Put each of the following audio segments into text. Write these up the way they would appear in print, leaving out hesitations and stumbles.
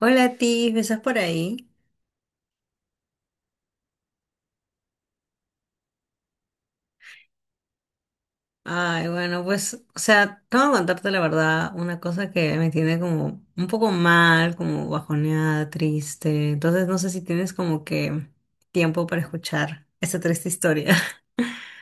Hola, Tiff, ¿estás por ahí? Ay, bueno, pues, o sea, tengo que contarte la verdad, una cosa que me tiene como un poco mal, como bajoneada, triste. Entonces, no sé si tienes como que tiempo para escuchar esta triste historia.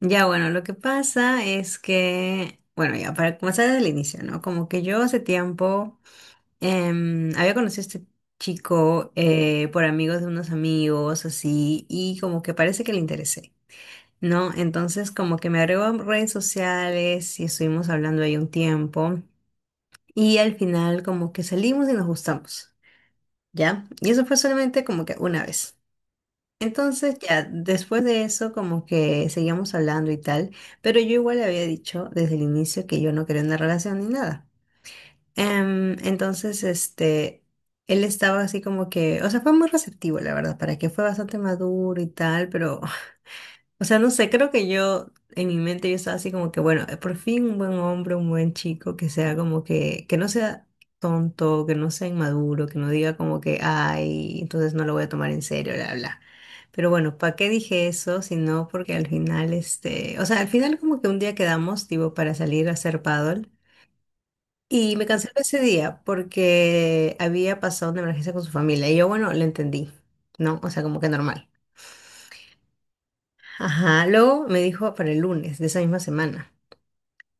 Ya, bueno, lo que pasa es que, bueno, ya para comenzar desde el inicio, ¿no? Como que yo hace tiempo había conocido a este chico por amigos de unos amigos, así, y como que parece que le interesé, ¿no? Entonces como que me agregó a redes sociales y estuvimos hablando ahí un tiempo y al final como que salimos y nos gustamos, ¿ya? Y eso fue solamente como que una vez. Entonces ya después de eso como que seguíamos hablando y tal, pero yo igual le había dicho desde el inicio que yo no quería una relación ni nada. Entonces este... Él estaba así como que, o sea, fue muy receptivo, la verdad, para que fue bastante maduro y tal, pero... O sea, no sé, creo que yo, en mi mente yo estaba así como que, bueno, por fin un buen hombre, un buen chico, que sea como que no sea tonto, que no sea inmaduro, que no diga como que, ay, entonces no lo voy a tomar en serio, bla, bla. Pero bueno, ¿para qué dije eso? Sino porque al final, este, o sea, al final como que un día quedamos, tipo, para salir a hacer paddle. Y me canceló ese día porque había pasado una emergencia con su familia. Y yo, bueno, lo entendí, ¿no? O sea, como que normal. Ajá, luego me dijo para el lunes de esa misma semana.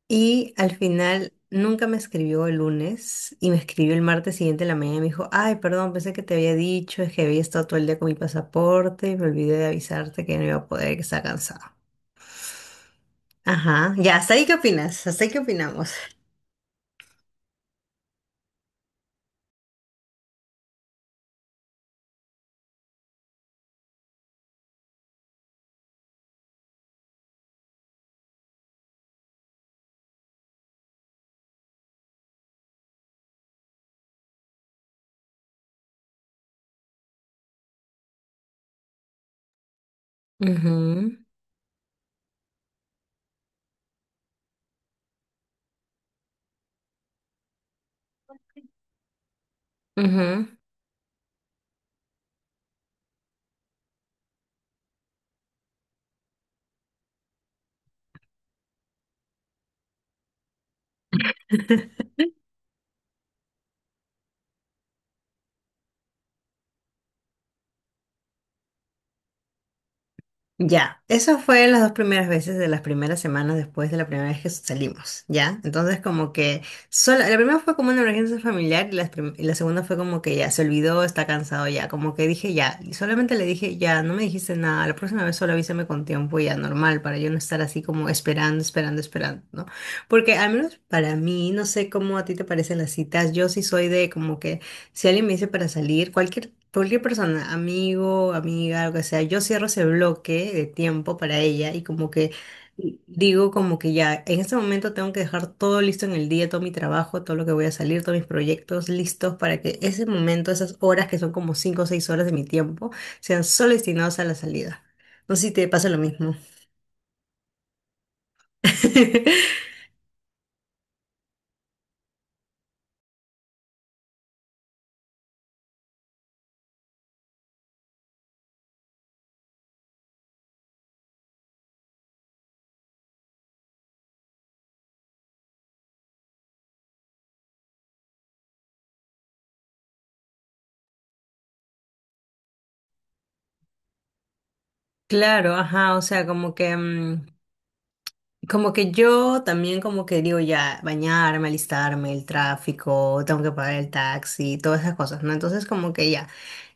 Y al final nunca me escribió el lunes y me escribió el martes siguiente en la mañana y me dijo, ay, perdón, pensé que te había dicho, es que había estado todo el día con mi pasaporte y me olvidé de avisarte que no iba a poder, que estaba cansado. Ajá, ya, hasta ahí qué opinas, hasta ahí qué opinamos. Ujú, ujú. Ya, eso fue las dos primeras veces de las primeras semanas después de la primera vez que salimos, ¿ya? Entonces como que solo, la primera fue como una emergencia familiar y la segunda fue como que ya se olvidó, está cansado ya, como que dije ya, y solamente le dije ya, no me dijiste nada, la próxima vez solo avísame con tiempo ya normal para yo no estar así como esperando, esperando, esperando, ¿no? Porque al menos para mí, no sé cómo a ti te parecen las citas, yo sí soy de como que si alguien me dice para salir, cualquier, cualquier persona, amigo, amiga, lo que sea, yo cierro ese bloque de tiempo para ella y como que digo como que ya, en este momento tengo que dejar todo listo en el día, todo mi trabajo, todo lo que voy a salir, todos mis proyectos listos para que ese momento, esas horas que son como 5 o 6 horas de mi tiempo, sean solo destinados a la salida. No sé si te pasa lo mismo. Claro, ajá, o sea, como que... mm, como que yo también como que digo ya, bañarme, alistarme, el tráfico, tengo que pagar el taxi, todas esas cosas, ¿no? Entonces como que ya,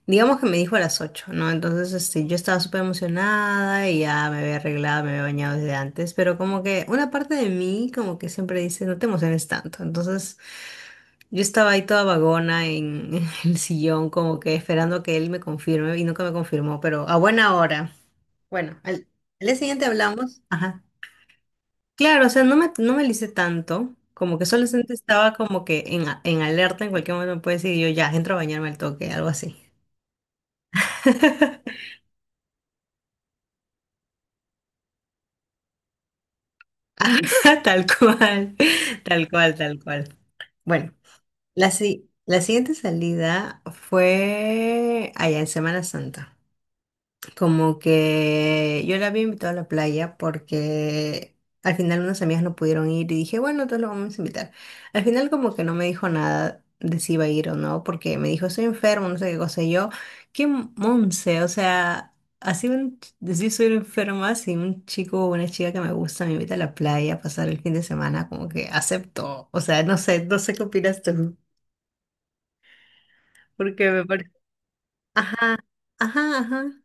digamos que me dijo a las 8, ¿no? Entonces este, yo estaba súper emocionada y ya me había arreglado, me había bañado desde antes, pero como que una parte de mí como que siempre dice, no te emociones tanto. Entonces yo estaba ahí toda vagona en, en el sillón como que esperando que él me confirme y nunca me confirmó, pero a buena hora. Bueno, al, al día siguiente hablamos. Ajá. Claro, o sea, no me alicé tanto, como que solamente estaba como que en alerta, en cualquier momento me puede decir yo ya, entro a bañarme al toque, algo así. Ah, tal cual, tal cual, tal cual. Bueno, la, si- la siguiente salida fue allá en Semana Santa. Como que yo la había invitado a la playa porque al final unas amigas no pudieron ir y dije, bueno, entonces lo vamos a invitar. Al final como que no me dijo nada de si iba a ir o no, porque me dijo, estoy enfermo, no sé qué cosa. Y yo, qué monce, o sea, así un, decir soy enferma, si un chico o una chica que me gusta me invita a la playa a pasar el fin de semana, como que acepto. O sea, no sé, no sé qué opinas tú, porque me parece... Ajá, ajá.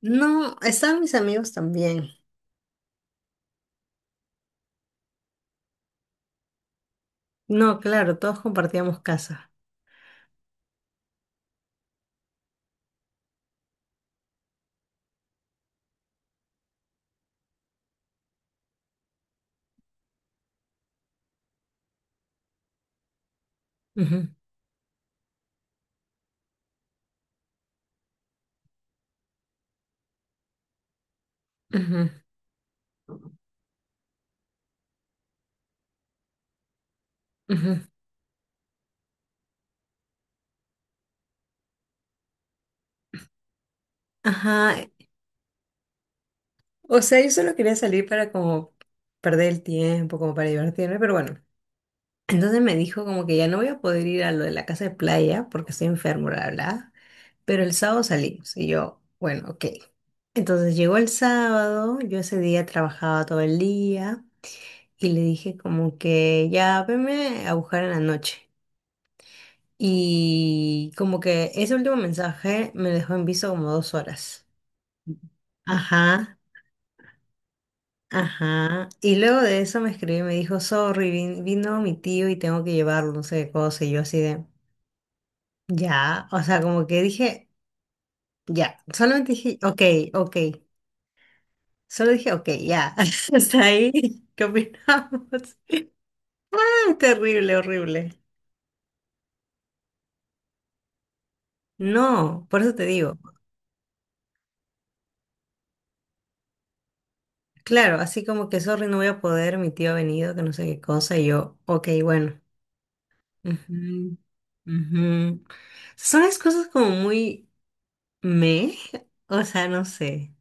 No, estaban mis amigos también. No, claro, todos compartíamos casa. Ujú, ujú, ujú. Ajá. O sea, yo solo quería salir para como perder el tiempo, como para divertirme, pero bueno. Entonces me dijo como que ya no voy a poder ir a lo de la casa de playa porque estoy enfermo, bla, bla, bla. Pero el sábado salimos y yo, bueno, ok. Entonces llegó el sábado, yo ese día trabajaba todo el día y le dije como que ya veme a buscar en la noche. Y como que ese último mensaje me dejó en visto como 2 horas. Ajá, ajá. Y luego de eso me escribió y me dijo, sorry, vino mi tío y tengo que llevarlo, no sé qué cosa. Y yo así de, ya. O sea, como que dije, ya. Solamente dije, ok, ok. Solo dije, ok, ya. Hasta ahí. ¿Qué opinamos? Terrible, horrible. No, por eso te digo. Claro, así como que sorry, no voy a poder, mi tío ha venido, que no sé qué cosa, y yo, ok, bueno. Ujú, ujú. Son las cosas como muy me, o sea, no sé.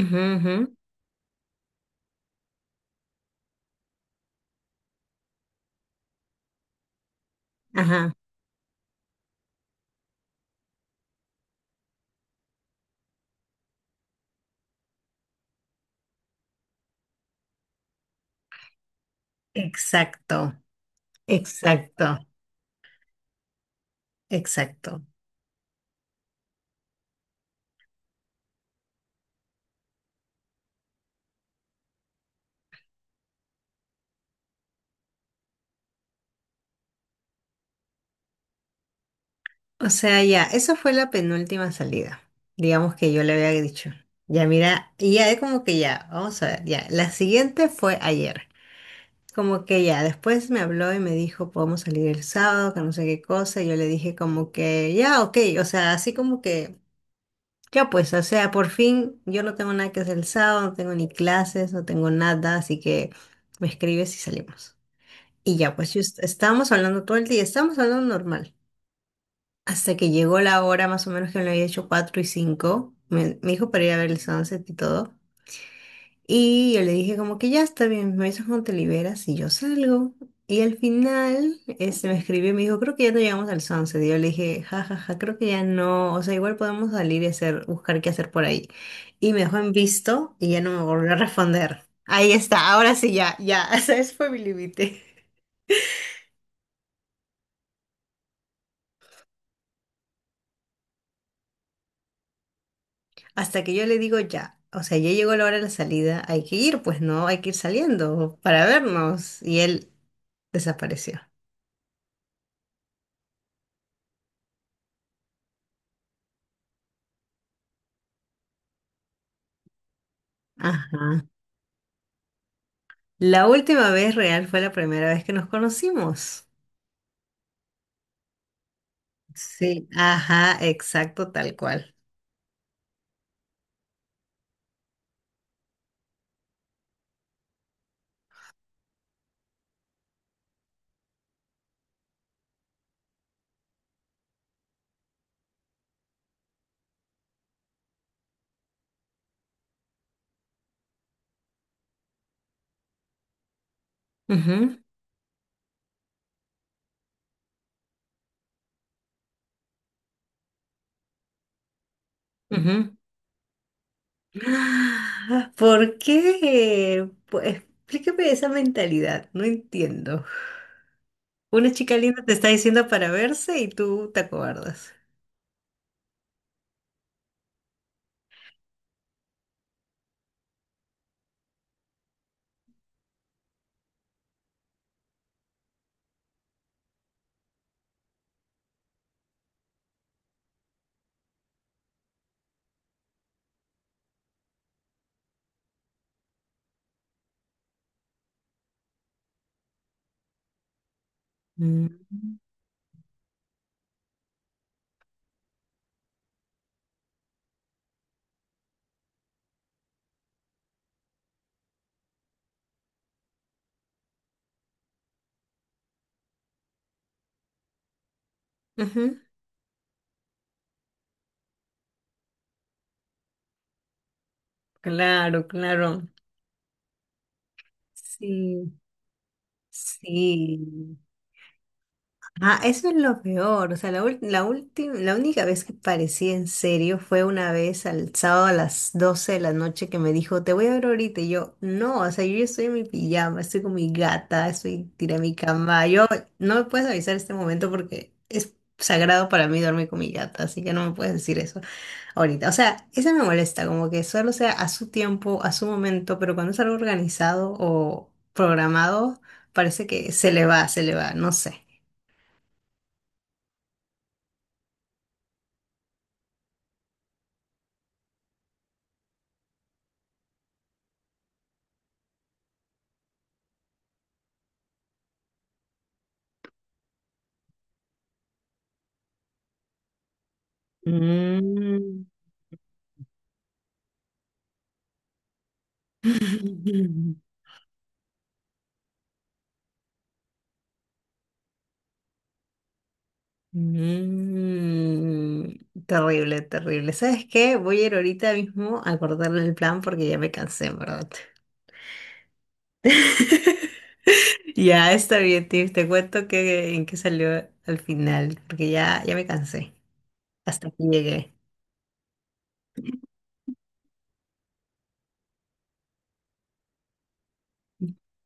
Ujú, ujú, ajá. Exacto, exacto, exacto. O sea, ya, esa fue la penúltima salida, digamos que yo le había dicho. Ya, mira, y ya es como que ya, vamos a ver, ya. La siguiente fue ayer. Como que ya, después me habló y me dijo, podemos salir el sábado, que no sé qué cosa. Y yo le dije como que, ya, ok, o sea, así como que... Ya pues, o sea, por fin yo no tengo nada que hacer el sábado, no tengo ni clases, no tengo nada, así que me escribes y salimos. Y ya pues, yo estábamos hablando todo el día, estábamos hablando normal. Hasta que llegó la hora más o menos que me lo había hecho 4 y 5 me dijo para ir a ver el sunset y todo. Y yo le dije como que ya está bien, me avisas cuando te liberas y yo salgo. Y al final este, me escribió y me dijo, creo que ya no llegamos al sunset. Y yo le dije, ja, ja, ja, creo que ya no, o sea, igual podemos salir y hacer, buscar qué hacer por ahí. Y me dejó en visto y ya no me volvió a responder. Ahí está, ahora sí ya, ya, fue mi límite. Hasta que yo le digo ya, o sea, ya llegó la hora de la salida, hay que ir, pues no, hay que ir saliendo para vernos. Y él desapareció. Ajá. La última vez real fue la primera vez que nos conocimos. Sí, ajá, exacto, tal cual. Ujú, ujú. Ah, ¿por qué? Pues, explícame esa mentalidad, no entiendo. Una chica linda te está diciendo para verse y tú te acobardas. Mm, ujú, claro, claro. Sí, sí. Ah, eso es lo peor. O sea, la última, la única vez que parecía en serio fue una vez al sábado a las 12 de la noche que me dijo, te voy a ver ahorita. Y yo, no, o sea, yo ya estoy en mi pijama, estoy con mi gata, estoy tirada en mi cama. Yo, no me puedes avisar este momento porque es sagrado para mí dormir con mi gata, así que no me puedes decir eso ahorita. O sea, eso me molesta, como que solo sea a su tiempo, a su momento, pero cuando es algo organizado o programado, parece que se le va, no sé. Mm. Mm. Terrible, terrible. ¿Sabes qué? Voy a ir ahorita mismo a cortarle el plan porque ya me cansé, ¿en verdad? Ya está bien, Tiff. Te cuento que en qué salió al final, porque ya, ya me cansé. Hasta aquí llegué.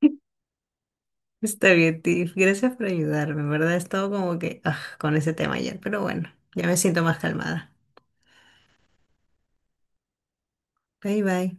Está bien, Tiff. Gracias por ayudarme, ¿en verdad? He estado como que ah, con ese tema ayer, pero bueno, ya me siento más calmada. Bye, bye.